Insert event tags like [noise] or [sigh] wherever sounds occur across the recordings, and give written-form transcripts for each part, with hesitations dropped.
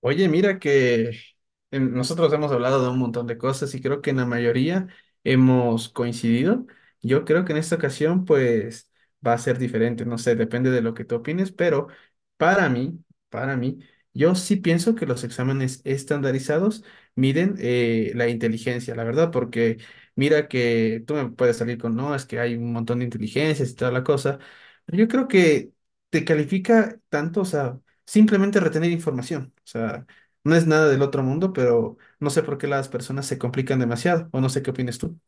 Oye, mira que nosotros hemos hablado de un montón de cosas y creo que en la mayoría hemos coincidido. Yo creo que en esta ocasión pues va a ser diferente, no sé, depende de lo que tú opines, pero para mí, para mí, yo sí pienso que los exámenes estandarizados miden la inteligencia, la verdad, porque mira que tú me puedes salir con, no, es que hay un montón de inteligencias y toda la cosa. Pero yo creo que te califica tanto, o sea simplemente retener información. O sea, no es nada del otro mundo, pero no sé por qué las personas se complican demasiado, o no sé qué opinas tú.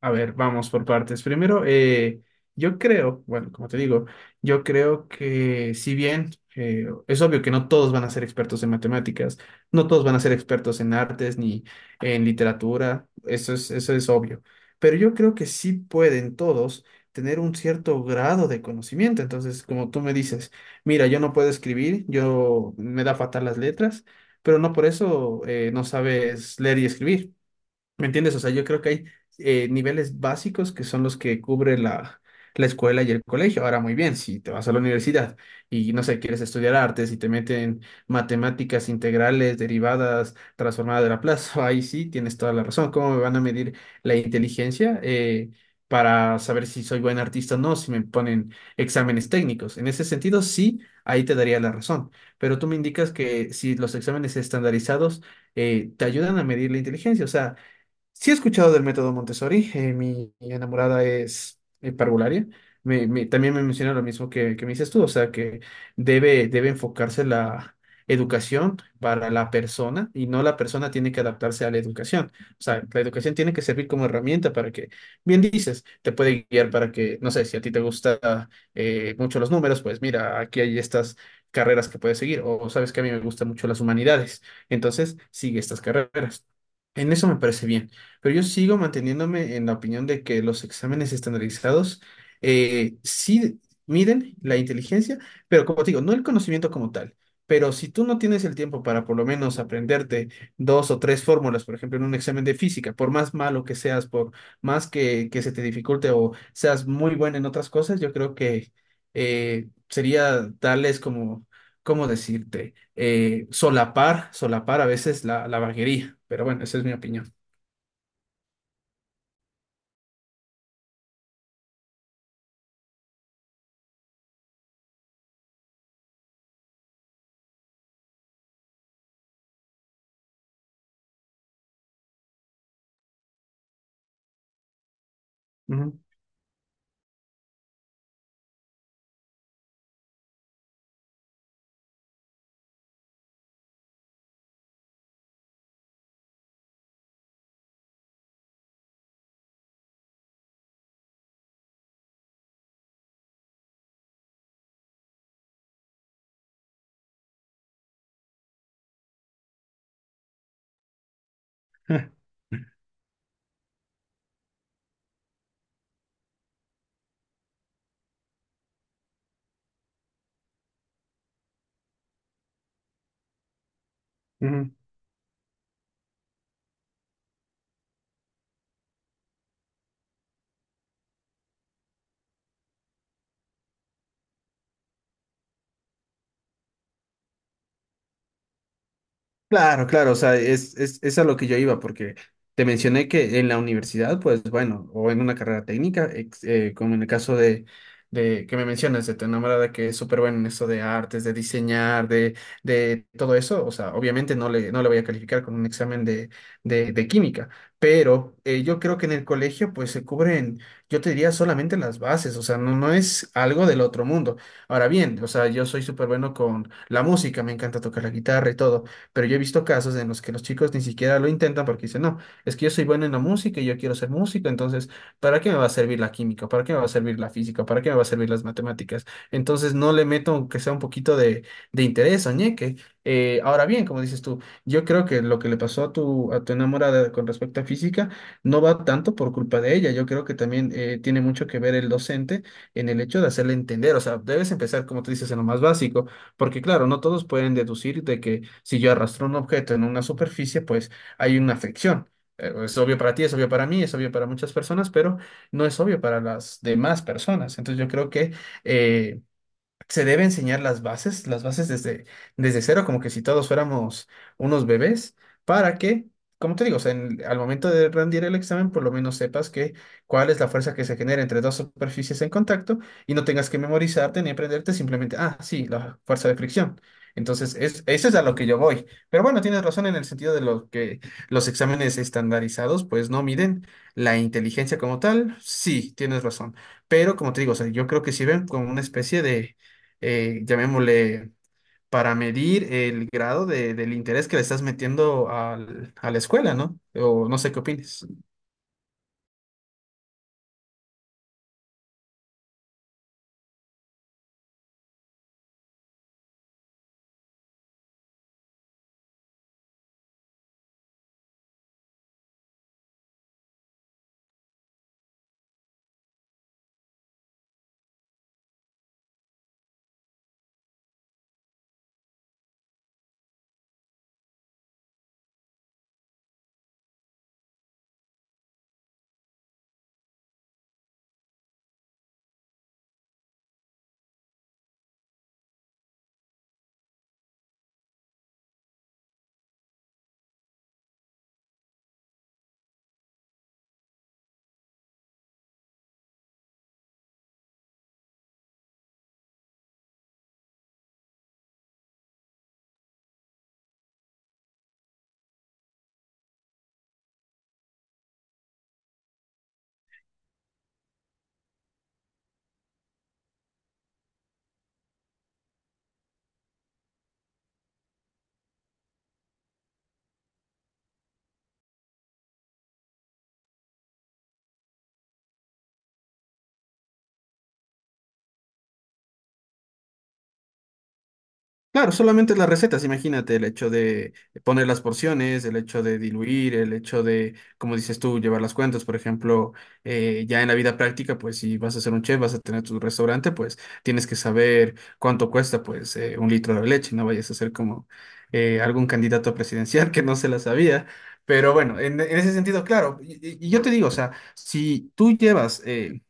A ver, vamos por partes. Primero, yo creo, bueno, como te digo, yo creo que si bien es obvio que no todos van a ser expertos en matemáticas, no todos van a ser expertos en artes ni en literatura, eso es obvio, pero yo creo que sí pueden todos tener un cierto grado de conocimiento. Entonces, como tú me dices, mira, yo no puedo escribir, yo me da fatal las letras, pero no por eso no sabes leer y escribir. ¿Me entiendes? O sea, yo creo que hay niveles básicos que son los que cubre la escuela y el colegio. Ahora, muy bien, si te vas a la universidad y, no sé, quieres estudiar artes y te meten matemáticas integrales, derivadas, transformadas de la plaza, [laughs] ahí sí tienes toda la razón. ¿Cómo me van a medir la inteligencia? Para saber si soy buen artista o no, si me ponen exámenes técnicos. En ese sentido, sí, ahí te daría la razón. Pero tú me indicas que si los exámenes estandarizados te ayudan a medir la inteligencia, o sea, sí he escuchado del método Montessori. Mi enamorada es parvularia, también me menciona lo mismo que me dices tú, o sea que debe enfocarse la educación para la persona y no la persona tiene que adaptarse a la educación. O sea, la educación tiene que servir como herramienta para que, bien dices, te puede guiar para que, no sé, si a ti te gusta mucho los números, pues mira, aquí hay estas carreras que puedes seguir, o sabes que a mí me gustan mucho las humanidades, entonces sigue estas carreras. En eso me parece bien. Pero yo sigo manteniéndome en la opinión de que los exámenes estandarizados sí miden la inteligencia, pero como te digo, no el conocimiento como tal. Pero si tú no tienes el tiempo para por lo menos aprenderte dos o tres fórmulas, por ejemplo, en un examen de física, por más malo que seas, por más que se te dificulte o seas muy bueno en otras cosas, yo creo que sería darles como, ¿cómo decirte? Solapar, solapar a veces la vaguería. Pero bueno, esa es mi opinión. [laughs] Ujú. Claro, claro, o sea, es a lo que yo iba, porque te mencioné que en la universidad, pues bueno, o en una carrera técnica, como en el caso de que me mencionas, de tu enamorada que es súper buena en eso de artes, de diseñar, de todo eso. O sea, obviamente no le voy a calificar con un examen de, de química, pero yo creo que en el colegio, pues se cubren, yo te diría solamente las bases. O sea, no es algo del otro mundo. Ahora bien, o sea, yo soy súper bueno con la música, me encanta tocar la guitarra y todo, pero yo he visto casos en los que los chicos ni siquiera lo intentan porque dicen, no, es que yo soy bueno en la música y yo quiero ser músico, entonces, ¿para qué me va a servir la química? ¿Para qué me va a servir la física? ¿Para qué me va a servir las matemáticas? Entonces no le meto aunque sea un poquito de interés o ñeque. Ahora bien, como dices tú, yo creo que lo que le pasó a tu enamorada con respecto a física no va tanto por culpa de ella. Yo creo que también tiene mucho que ver el docente en el hecho de hacerle entender. O sea, debes empezar, como tú dices, en lo más básico. Porque claro, no todos pueden deducir de que si yo arrastro un objeto en una superficie, pues hay una fricción. Es obvio para ti, es obvio para mí, es obvio para muchas personas, pero no es obvio para las demás personas. Entonces yo creo que eh, se debe enseñar las bases desde, desde cero, como que si todos fuéramos unos bebés, para que, como te digo, o sea, al momento de rendir el examen, por lo menos sepas que cuál es la fuerza que se genera entre dos superficies en contacto y no tengas que memorizarte ni aprenderte simplemente, ah, sí, la fuerza de fricción. Entonces, es, eso es a lo que yo voy. Pero bueno, tienes razón en el sentido de lo que los exámenes estandarizados, pues no miden la inteligencia como tal. Sí, tienes razón. Pero como te digo, o sea, yo creo que sirven como una especie de llamémosle, para medir el grado del interés que le estás metiendo a la escuela, ¿no? O no sé qué opines. Claro, solamente las recetas, imagínate, el hecho de poner las porciones, el hecho de diluir, el hecho de, como dices tú, llevar las cuentas, por ejemplo, ya en la vida práctica, pues si vas a ser un chef, vas a tener tu restaurante, pues tienes que saber cuánto cuesta, pues, un litro de leche. No vayas a ser como algún candidato presidencial [laughs] que no se la sabía. Pero bueno, en ese sentido, claro, y, y yo te digo, o sea, si tú llevas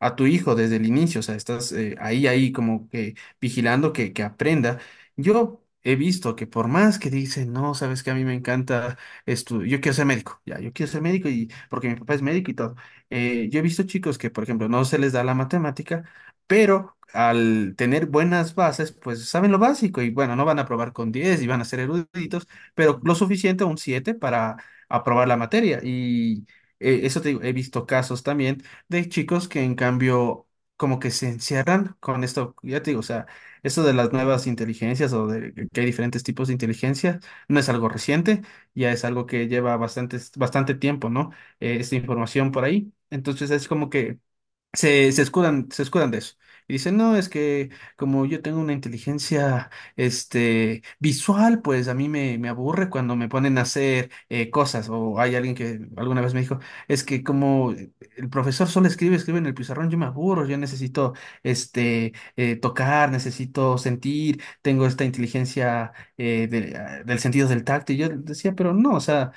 a tu hijo desde el inicio, o sea, estás ahí, ahí como que vigilando que aprenda. Yo he visto que por más que dicen, no, sabes que a mí me encanta esto, yo quiero ser médico, ya, yo quiero ser médico y porque mi papá es médico y todo. Yo he visto chicos que, por ejemplo, no se les da la matemática, pero al tener buenas bases, pues saben lo básico y bueno, no van a aprobar con 10 y van a ser eruditos, pero lo suficiente, un 7 para aprobar la materia y... eso te digo, he visto casos también de chicos que en cambio como que se encierran con esto. Ya te digo, o sea, esto de las nuevas inteligencias o de que hay diferentes tipos de inteligencia, no es algo reciente, ya es algo que lleva bastante, bastante tiempo, ¿no? Esta información por ahí. Entonces es como que se escudan, se escudan de eso. Y dicen, no, es que como yo tengo una inteligencia visual, pues a mí me aburre cuando me ponen a hacer cosas. O hay alguien que alguna vez me dijo, es que como el profesor solo escribe, escribe en el pizarrón, yo me aburro, yo necesito tocar, necesito sentir, tengo esta inteligencia del sentido del tacto. Y yo decía, pero no, o sea,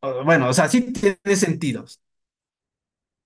bueno, o sea, sí tiene sentido.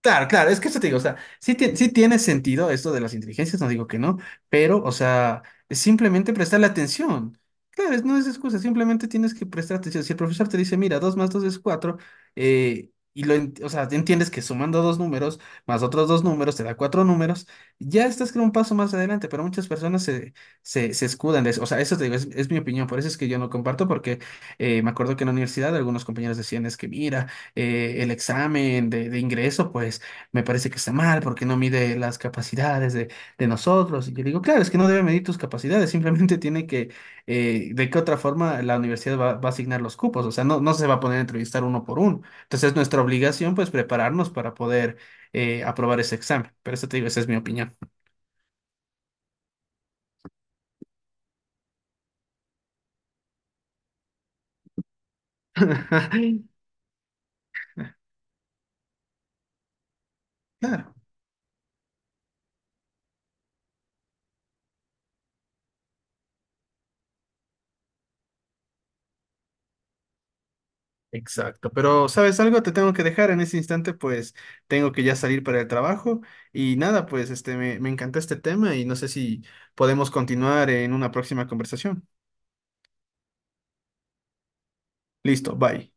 Claro, claro, es que eso te digo, o sea, sí, sí tiene sentido esto de las inteligencias, no digo que no, pero, o sea, es simplemente prestarle atención. Claro, no es excusa, simplemente tienes que prestar atención. Si el profesor te dice, mira, 2 más 2 es 4, o sea, entiendes que sumando dos números más otros dos números te da cuatro números, ya estás con un paso más adelante, pero muchas personas se escudan de eso. O sea, eso te digo, es mi opinión, por eso es que yo no comparto, porque me acuerdo que en la universidad algunos compañeros decían, es que mira, el examen de ingreso, pues me parece que está mal porque no mide las capacidades de nosotros. Y yo digo, claro, es que no debe medir tus capacidades, simplemente [laughs] tiene que, de qué otra forma la universidad va a asignar los cupos. O sea, no se va a poner a entrevistar uno por uno. Entonces, nuestra obligación, pues, prepararnos para poder aprobar ese examen. Pero eso te digo, esa es mi opinión. [laughs] Claro. Exacto, pero ¿sabes algo? Te tengo que dejar en ese instante, pues tengo que ya salir para el trabajo y nada, pues me encantó este tema y no sé si podemos continuar en una próxima conversación. Listo, bye.